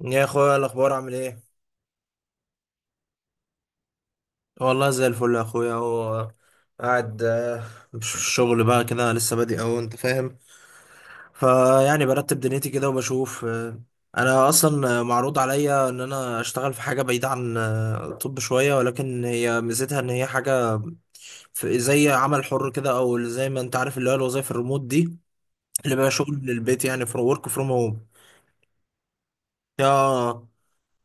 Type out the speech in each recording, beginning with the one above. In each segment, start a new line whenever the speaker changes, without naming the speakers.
يا اخويا، الاخبار عامل ايه؟ والله زي الفل يا اخويا. هو قاعد، مش في الشغل بقى كده، لسه بادئ اهو، انت فاهم. فيعني برتب دنيتي كده وبشوف، انا اصلا معروض عليا ان انا اشتغل في حاجه بعيده عن الطب شويه، ولكن هي ميزتها ان هي حاجه في زي عمل حر كده، او زي ما انت عارف اللي هو الوظايف الريموت دي، اللي بقى شغل من البيت يعني فروم ورك فروم هوم. يا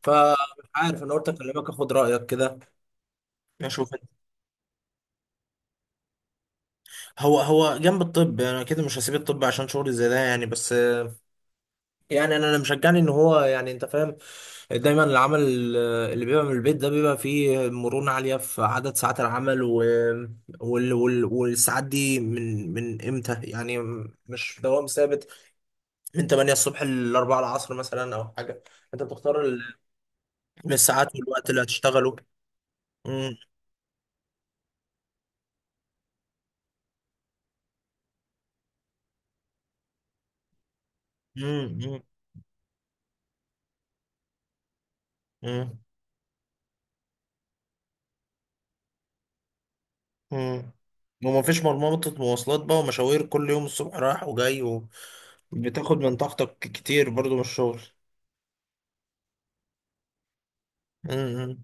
فمش عارف، انا قلت اكلمك اخد رايك كده اشوف. هو هو جنب الطب، انا كده مش هسيب الطب عشان شغلي زي ده يعني بس. يعني انا مشجعني ان هو، يعني انت فاهم، دايما العمل اللي بيبقى من البيت ده بيبقى فيه مرونة عالية في عدد ساعات العمل والساعات دي من امتى يعني، مش دوام ثابت من 8 الصبح ل 4 العصر مثلا او حاجة. انت بتختار من الساعات والوقت اللي هتشتغله. امم. امم. امم. امم. ومفيش مرمطة مواصلات بقى ومشاوير كل يوم الصبح رايح وجاي، بتاخد من طاقتك كتير برضو من الشغل. مم.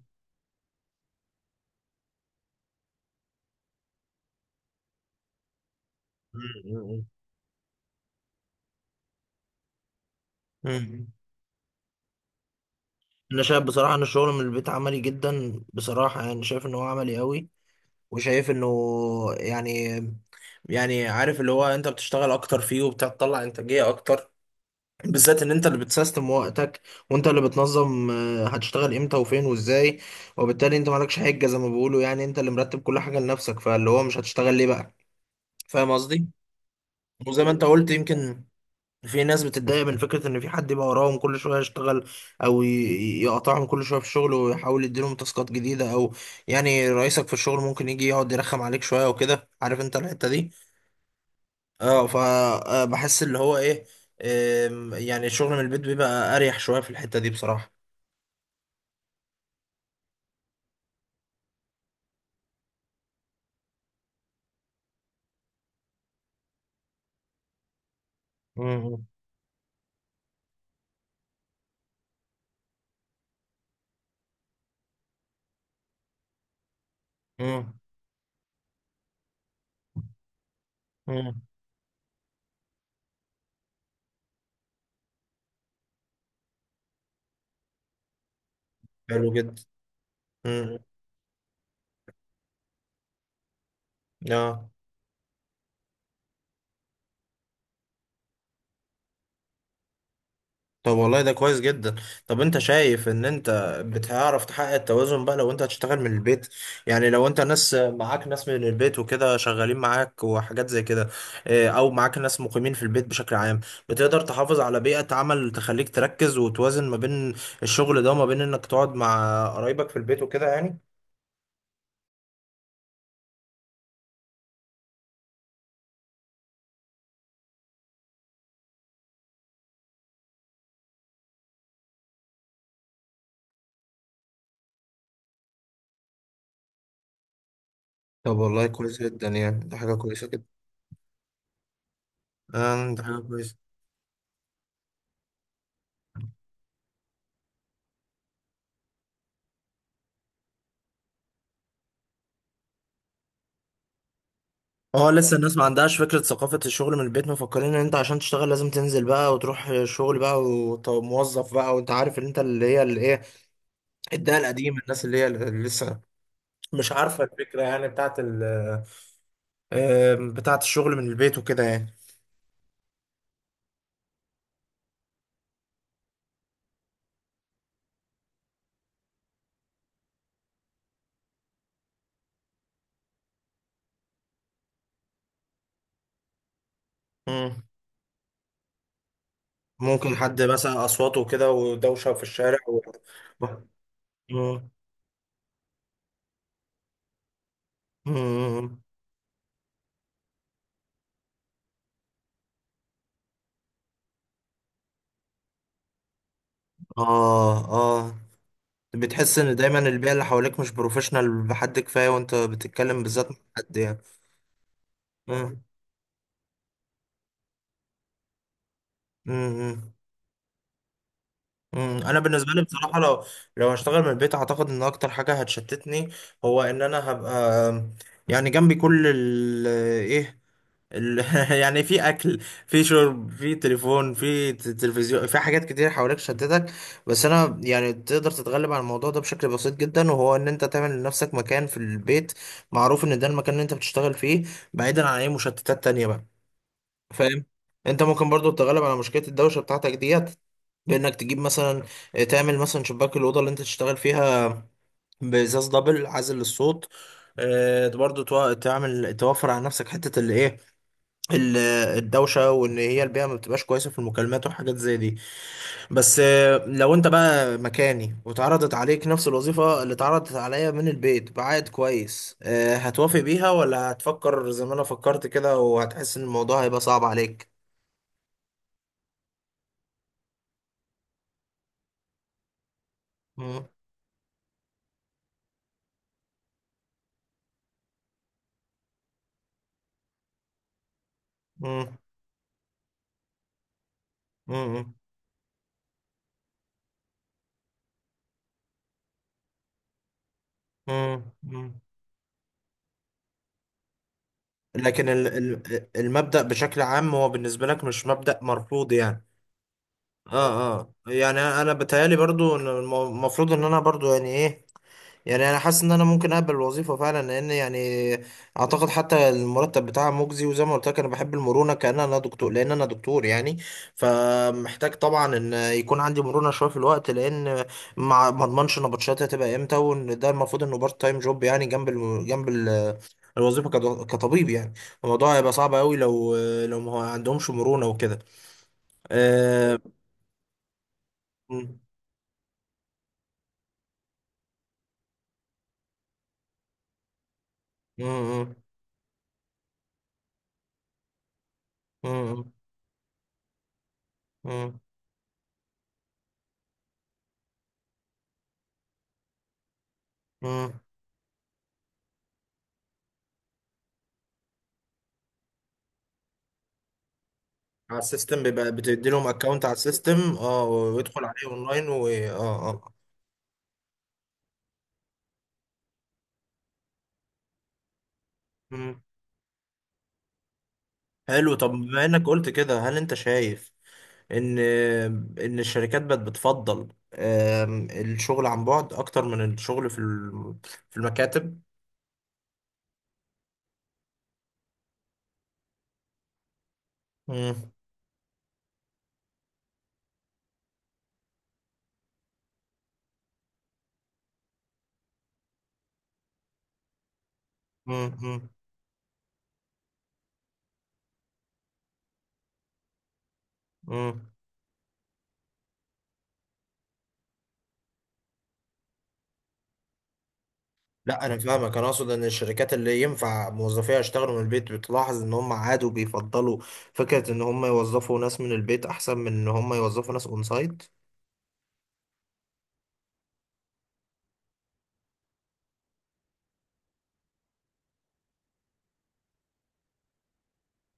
مم. مم. انا شايف بصراحه ان الشغل من البيت عملي جدا بصراحه، يعني شايف ان هو عملي قوي، وشايف انه يعني يعني عارف اللي هو انت بتشتغل اكتر فيه وبتطلع انتاجيه اكتر، بالذات ان انت اللي بتسيستم وقتك وانت اللي بتنظم، هتشتغل امتى وفين وازاي. وبالتالي انت مالكش حجه زي ما بيقولوا، يعني انت اللي مرتب كل حاجه لنفسك فاللي هو مش هتشتغل ليه بقى. فاهم قصدي؟ وزي ما انت قلت، يمكن في ناس بتتضايق من فكرة إن في حد يبقى وراهم كل شوية يشتغل، أو يقطعهم كل شوية في الشغل ويحاول يديلهم تاسكات جديدة، أو يعني رئيسك في الشغل ممكن يجي يقعد يرخم عليك شوية وكده، عارف أنت الحتة دي. أه، فبحس اللي هو إيه، يعني الشغل من البيت بيبقى أريح شوية في الحتة دي بصراحة. مم. مم. مم. حلو جدا. مم. آه. طب والله ده كويس جدا. طب انت شايف ان انت بتعرف تحقق التوازن بقى لو انت هتشتغل من البيت؟ يعني لو انت ناس معاك، ناس من البيت وكده شغالين معاك وحاجات زي كده، اه، او معاك ناس مقيمين في البيت بشكل عام، بتقدر تحافظ على بيئة عمل تخليك تركز وتوازن ما بين الشغل ده وما بين انك تقعد مع قرايبك في البيت وكده يعني؟ طب والله كويس جدا، يعني ده حاجة كويسة جدا. اه، ده حاجة كويسة. اه، لسه الناس ما عندهاش فكرة ثقافة الشغل من البيت، مفكرين ان انت عشان تشتغل لازم تنزل بقى وتروح شغل بقى وموظف بقى. وانت عارف ان انت اللي هي اللي ايه، الدقة القديمة، الناس اللي هي اللي لسه مش عارفة الفكرة يعني بتاعت ال آه، بتاعت الشغل من البيت وكده يعني. مم. ممكن حد مثلا اصواته وكده ودوشة في الشارع مم. مم. اه، اه، بتحس ان دايما البيئة اللي حواليك مش بروفيشنال بحد كفاية وانت بتتكلم بالذات مع حد يعني. امم. امم. انا بالنسبه لي بصراحه، لو هشتغل من البيت، اعتقد ان اكتر حاجه هتشتتني هو ان انا هبقى يعني جنبي كل ال ايه ال يعني في اكل، في شرب، في تليفون، في تلفزيون، في حاجات كتير حواليك تشتتك. بس انا يعني تقدر تتغلب على الموضوع ده بشكل بسيط جدا، وهو ان انت تعمل لنفسك مكان في البيت معروف ان ده المكان اللي انت بتشتغل فيه، بعيدا عن اي مشتتات تانية بقى. فاهم؟ انت ممكن برضو تتغلب على مشكله الدوشه بتاعتك ديت بانك تجيب مثلا، تعمل مثلا شباك الاوضه اللي انت تشتغل فيها بازاز دبل عازل للصوت. برضو تعمل توفر على نفسك حته اللي ايه، ال- الدوشه، وان هي البيئه ما بتبقاش كويسه في المكالمات وحاجات زي دي. بس لو انت بقى مكاني واتعرضت عليك نفس الوظيفه اللي اتعرضت عليا من البيت بعائد كويس، هتوافق بيها ولا هتفكر زي ما انا فكرت كده وهتحس ان الموضوع هيبقى صعب عليك؟ مم. مم. مم. مم. لكن المبدأ بشكل عام هو بالنسبة لك مش مبدأ مرفوض يعني. اه، اه، يعني انا بتهيالي برضو ان المفروض ان انا برضو يعني ايه، يعني انا حاسس ان انا ممكن اقبل الوظيفه فعلا، لان يعني اعتقد حتى المرتب بتاعها مجزي، وزي ما قلت لك انا بحب المرونه كأن انا دكتور، لان انا دكتور يعني. فمحتاج طبعا ان يكون عندي مرونه شويه في الوقت، لان مع ما اضمنش نبطشاتي هتبقى امتى، وان ده المفروض انه بارت تايم جوب يعني جنب الوظيفه كطبيب يعني. الموضوع هيبقى صعب قوي لو ما هو عندهمش مرونه وكده. أه... م- م- م- م- م- م- على السيستم بيبقى بتدي لهم اكونت على السيستم ويدخل عليه اونلاين و اه اه مم. حلو. طب بما انك قلت كده، هل انت شايف ان ان الشركات بقت بتفضل، الشغل عن بعد اكتر من الشغل في المكاتب؟ مم. مم. مم. مم. لا انا فاهمك، انا اقصد ان الشركات اللي ينفع موظفيها يشتغلوا من البيت، بتلاحظ ان هم عادوا بيفضلوا فكرة ان هم يوظفوا ناس من البيت احسن من ان هم يوظفوا ناس اون سايت؟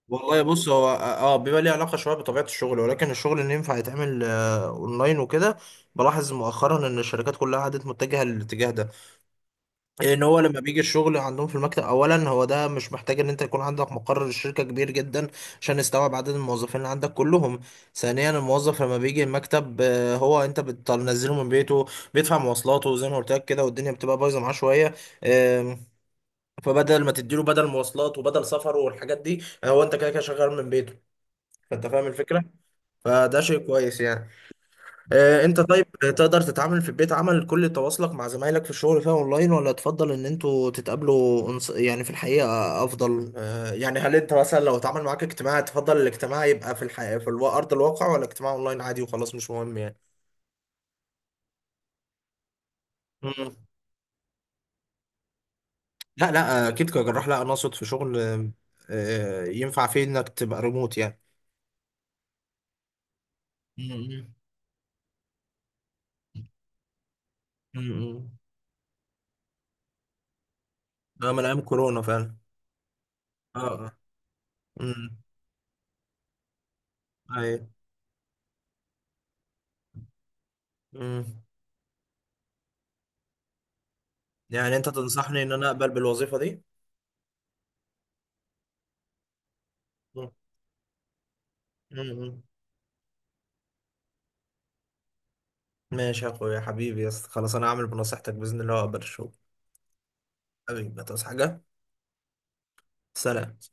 والله بص، هو اه، بيبقى ليه علاقة شوية بطبيعة الشغل، ولكن الشغل اللي ينفع يتعمل اونلاين وكده، بلاحظ مؤخرا ان الشركات كلها عادت متجهة للاتجاه ده، لان هو لما بيجي الشغل عندهم في المكتب اولا، هو ده مش محتاج ان انت يكون عندك مقر الشركة كبير جدا عشان يستوعب عدد الموظفين اللي عندك كلهم. ثانيا، الموظف لما بيجي المكتب، هو انت بتنزله من بيته، بيدفع مواصلاته زي ما قلت لك كده، والدنيا بتبقى بايظة معاه شوية، آم، فبدل ما تديله بدل مواصلات وبدل سفره والحاجات دي، هو انت كده كده شغال من بيته. فانت فاهم الفكره، فده شيء كويس يعني. انت طيب تقدر تتعامل في البيت، عمل كل تواصلك مع زمايلك في الشغل فيها اونلاين، ولا تفضل ان انتوا تتقابلوا، يعني في الحقيقه، افضل، يعني، هل انت مثلا لو اتعامل معاك اجتماع، تفضل الاجتماع يبقى في الحقيقه ارض الواقع، ولا اجتماع اونلاين عادي وخلاص مش مهم يعني؟ مم. لا، لا اكيد كجراح، لا انا اقصد في شغل، ينفع فيه انك تبقى ريموت يعني. امم. امم. ده من ايام كورونا فعلا. اه. اه. امم. ايوه. مم. يعني انت تنصحني ان انا اقبل بالوظيفة دي؟ مم. مم. ماشي يا اخويا حبيبي، يا اسطى، خلاص انا هعمل بنصيحتك باذن الله واقبل الشغل. حبيبي ما تصحى حاجة. سلام.